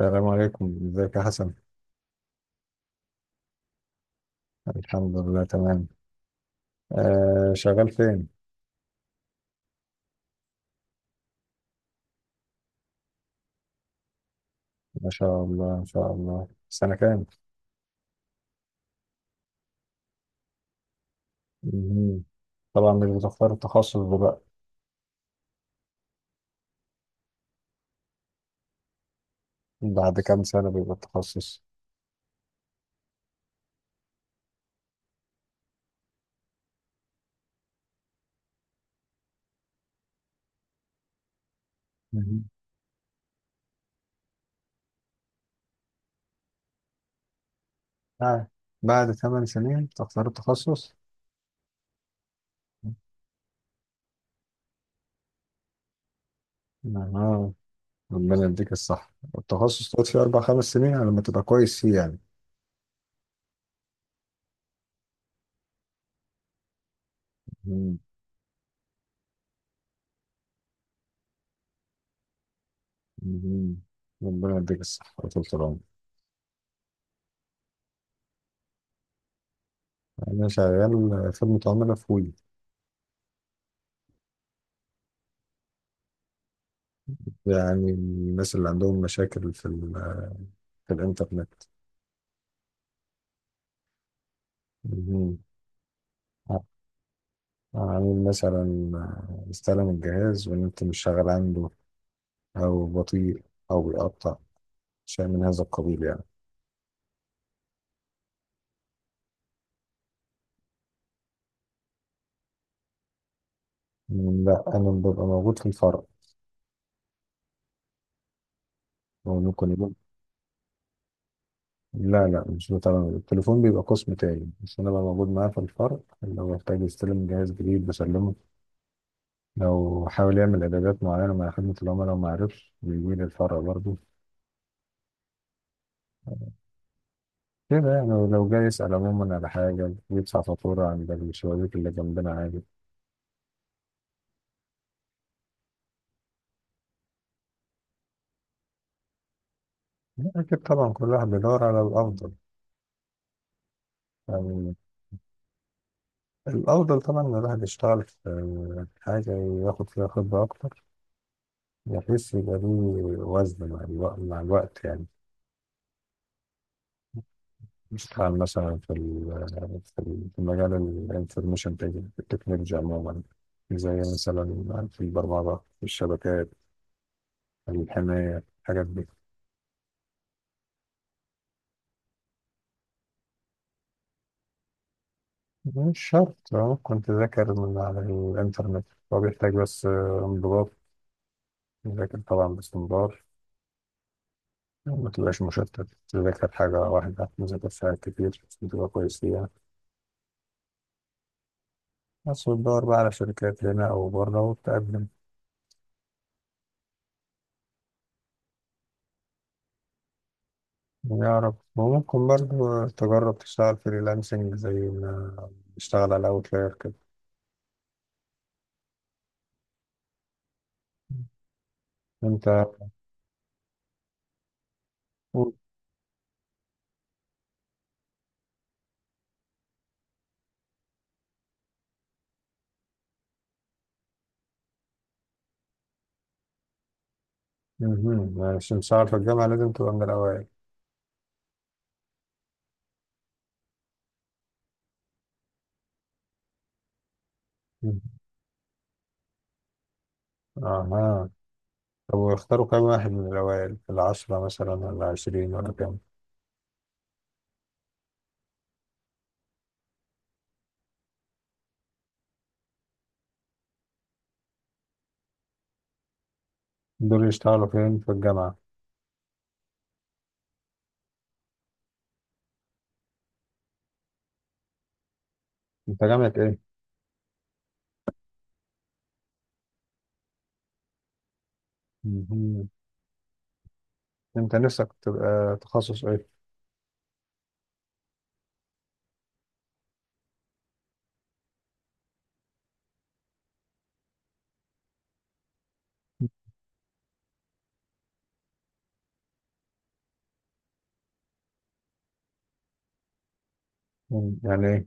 السلام عليكم، ازيك يا حسن. الحمد لله تمام. آه، شغال فين؟ ما شاء الله ما شاء الله، سنة كام؟ مهم. طبعا مش بتختار التخصص دلوقتي. بعد كام سنة بيبقى التخصص؟ مهم. آه. بعد ثمان سنين تختار التخصص. آه. ربنا يديك الصحة، التخصص تقعد فيه أربع خمس سنين على ما تبقى كويس فيه يعني. مهم. مهم. ربنا يديك الصحة وطول العمر. أنا شغال في المتعاملة في وي. يعني الناس اللي عندهم مشاكل في في الإنترنت. مهم. عامل مثلا استلم الجهاز والنت مش شغال عنده، أو بطيء، أو بيقطع، شيء من هذا القبيل يعني. لا أنا ببقى موجود في الفرع. وممكن يكون. لا مش بتابع التليفون، بيبقى قسم تاني، بس أنا ببقى موجود معاه في الفرع. لو احتاج يستلم جهاز جديد بسلمه. لو حاول يعمل إعدادات معينة مع خدمة العملاء وما عرفش بيجي لي الفرع برضه. كده يعني، لو جاي يسأل عموما على حاجة، يدفع فاتورة عند الشبابيك اللي جنبنا عادي. أكيد طبعا، كل واحد بيدور على الأفضل يعني. الأفضل طبعا إن الواحد يشتغل في حاجة ياخد فيها خبرة أكتر، بحيث يبقى ليه وزن مع الوقت، مع الوقت يعني. يشتغل مثلا في في في مجال الانفورميشن تكنولوجي عموما. زي مثلا في البرمجة، في الشبكات، الحماية، الحاجات دي. مش شرط، اه كنت ذاكر من على الإنترنت. هو بيحتاج بس انضباط. ذاكر طبعا باستمرار، ما تبقاش مشتت. تذاكر حاجة واحدة، ما تذاكرش حاجات كتير عشان تبقى كويس فيها. بس وتدور بقى على شركات هنا أو بره وتقدم. يا رب. وممكن برضه تجرب تشتغل فريلانسنج، زي ما بتشتغل على أوتلاير كده. أنت. مهم. عشان تشتغل في الجامعة لازم تبقى من الأوائل. مهم. أها. طب واختاروا كام واحد من الأوائل؟ العشرة مثلا ولا عشرين ولا كام؟ دول يشتغلوا فين في الجامعة؟ أنت جامعة إيه؟ مهم. أنت نفسك تبقى تخصص إيه؟ مم. يعني إيه؟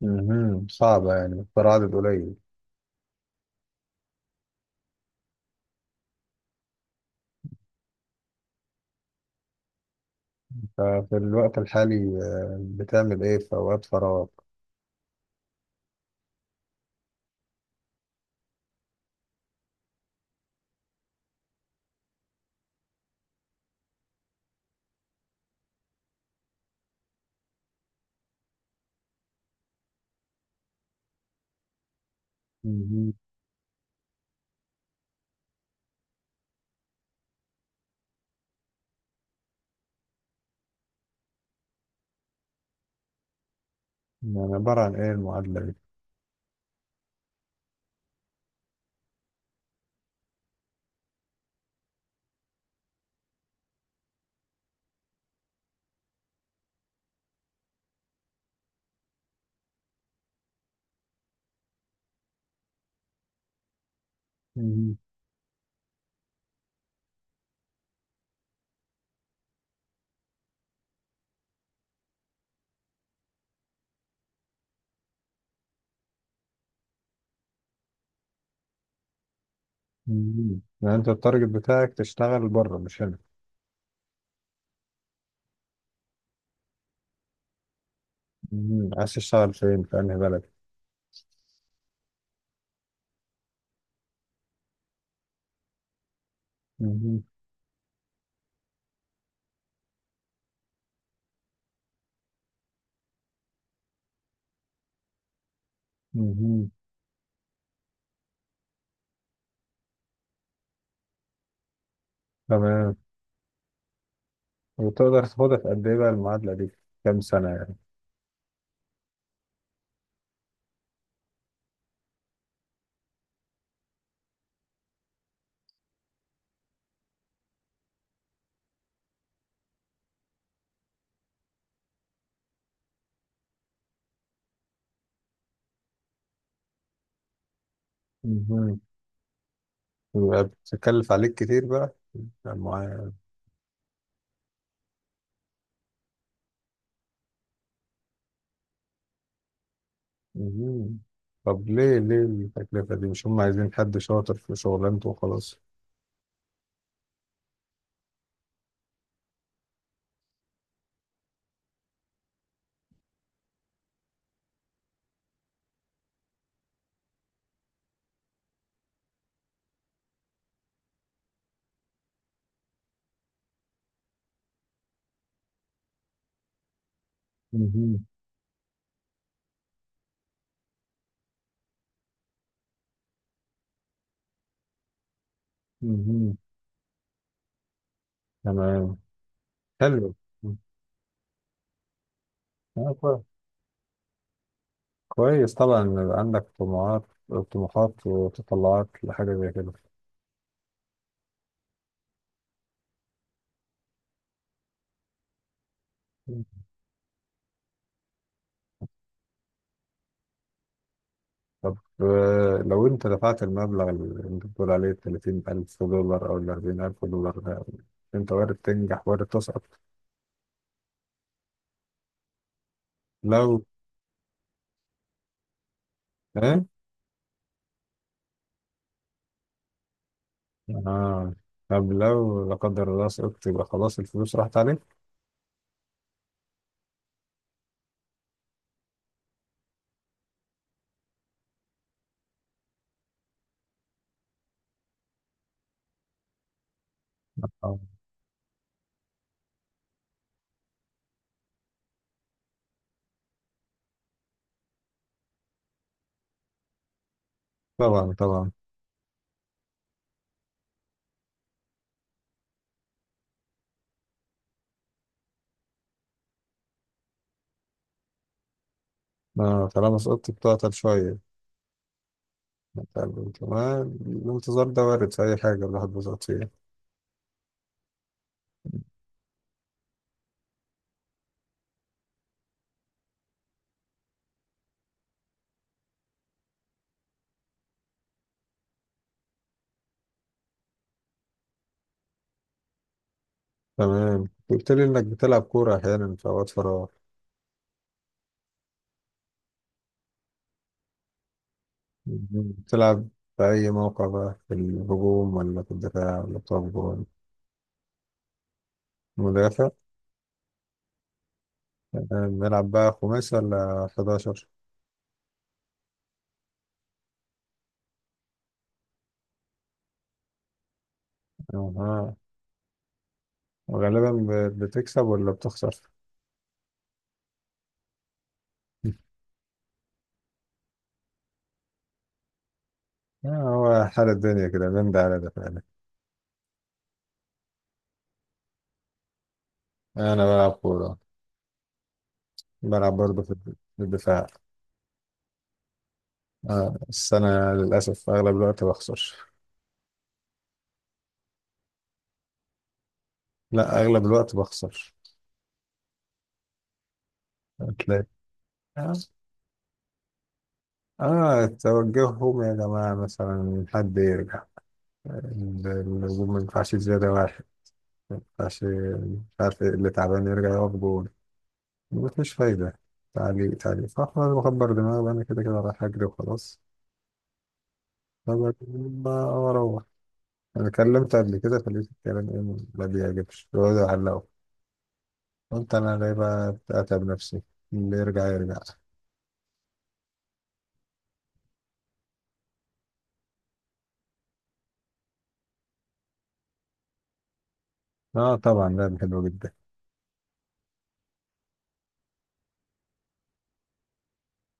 مهم. صعبة يعني، مختار عدد قليل. ففي الوقت الحالي، بتعمل إيه في أوقات فراغ؟ مهم. يعني عبارة عن إيه المعادلة دي؟ مهم. مهم. يعني أنت التارجت بتاعك تشتغل بره مش هنا؟ مهم. عايز تشتغل فين؟ في أنهي بلد؟ مهم. مهم. تمام. وتقدر تاخدها في قد إيه بقى المعادلة دي؟ كام سنة يعني؟ مهم. يبقى بتكلف عليك كتير بقى المعادلة. مهم. طب ليه التكلفة دي؟ مش هم عايزين حد شاطر في شغلانته وخلاص؟ مهم. مهم. تمام. حلو. كويس. كويس طبعا إن يبقى عندك طموحات، طموحات وتطلعات لحاجة زي كده. طب لو انت دفعت المبلغ اللي انت بتقول عليه $30,000 او ال $40,000 ده، انت وارد تنجح وارد تسقط. لو ايه. اه. طب لو لا قدر الله سقطت، يبقى خلاص الفلوس راحت عليك؟ اه. طبعا طبعا. آه طالما سقطت بتعطل شوية. طب تمام، الانتظار ده وارد في أي حاجة الواحد بيسقط فيها. تمام. قلت لي إنك بتلعب كورة أحيانا في أوقات فراغ. بتلعب في أي موقع بقى؟ في الهجوم ولا في الدفاع ولا بتقف جول؟ مدافع. بنلعب بقى خماسي ولا 11؟ اه. وغالبا بتكسب ولا بتخسر؟ هو حال الدنيا كده، بين ده على ده فعلا. انا بلعب كورة، بلعب برضه في في الدفاع. بس انا للاسف اغلب الوقت بخسر. لا اغلب الوقت بخسر. هتلاقي. اه. توجههم يا جماعة مثلا، حد يرجع، الهجوم ما ينفعش زيادة واحد، ما ينفعش، مش عارف إيه اللي تعبان يرجع يقف جون. مفيش فايدة. تعليق تعليق فأخرج بكبر دماغي، وأنا كده كده رايح أجري وخلاص، فبكلم بقى وأروح. أنا كلمت قبل كده فلقيت الكلام إيه ما بيعجبش، بيقعدوا يعلقوا. قلت أنا ليه بقى أتعب نفسي، اللي يرجع يرجع. آه طبعا، لعبة حلوة جدا.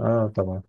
آه طبعا.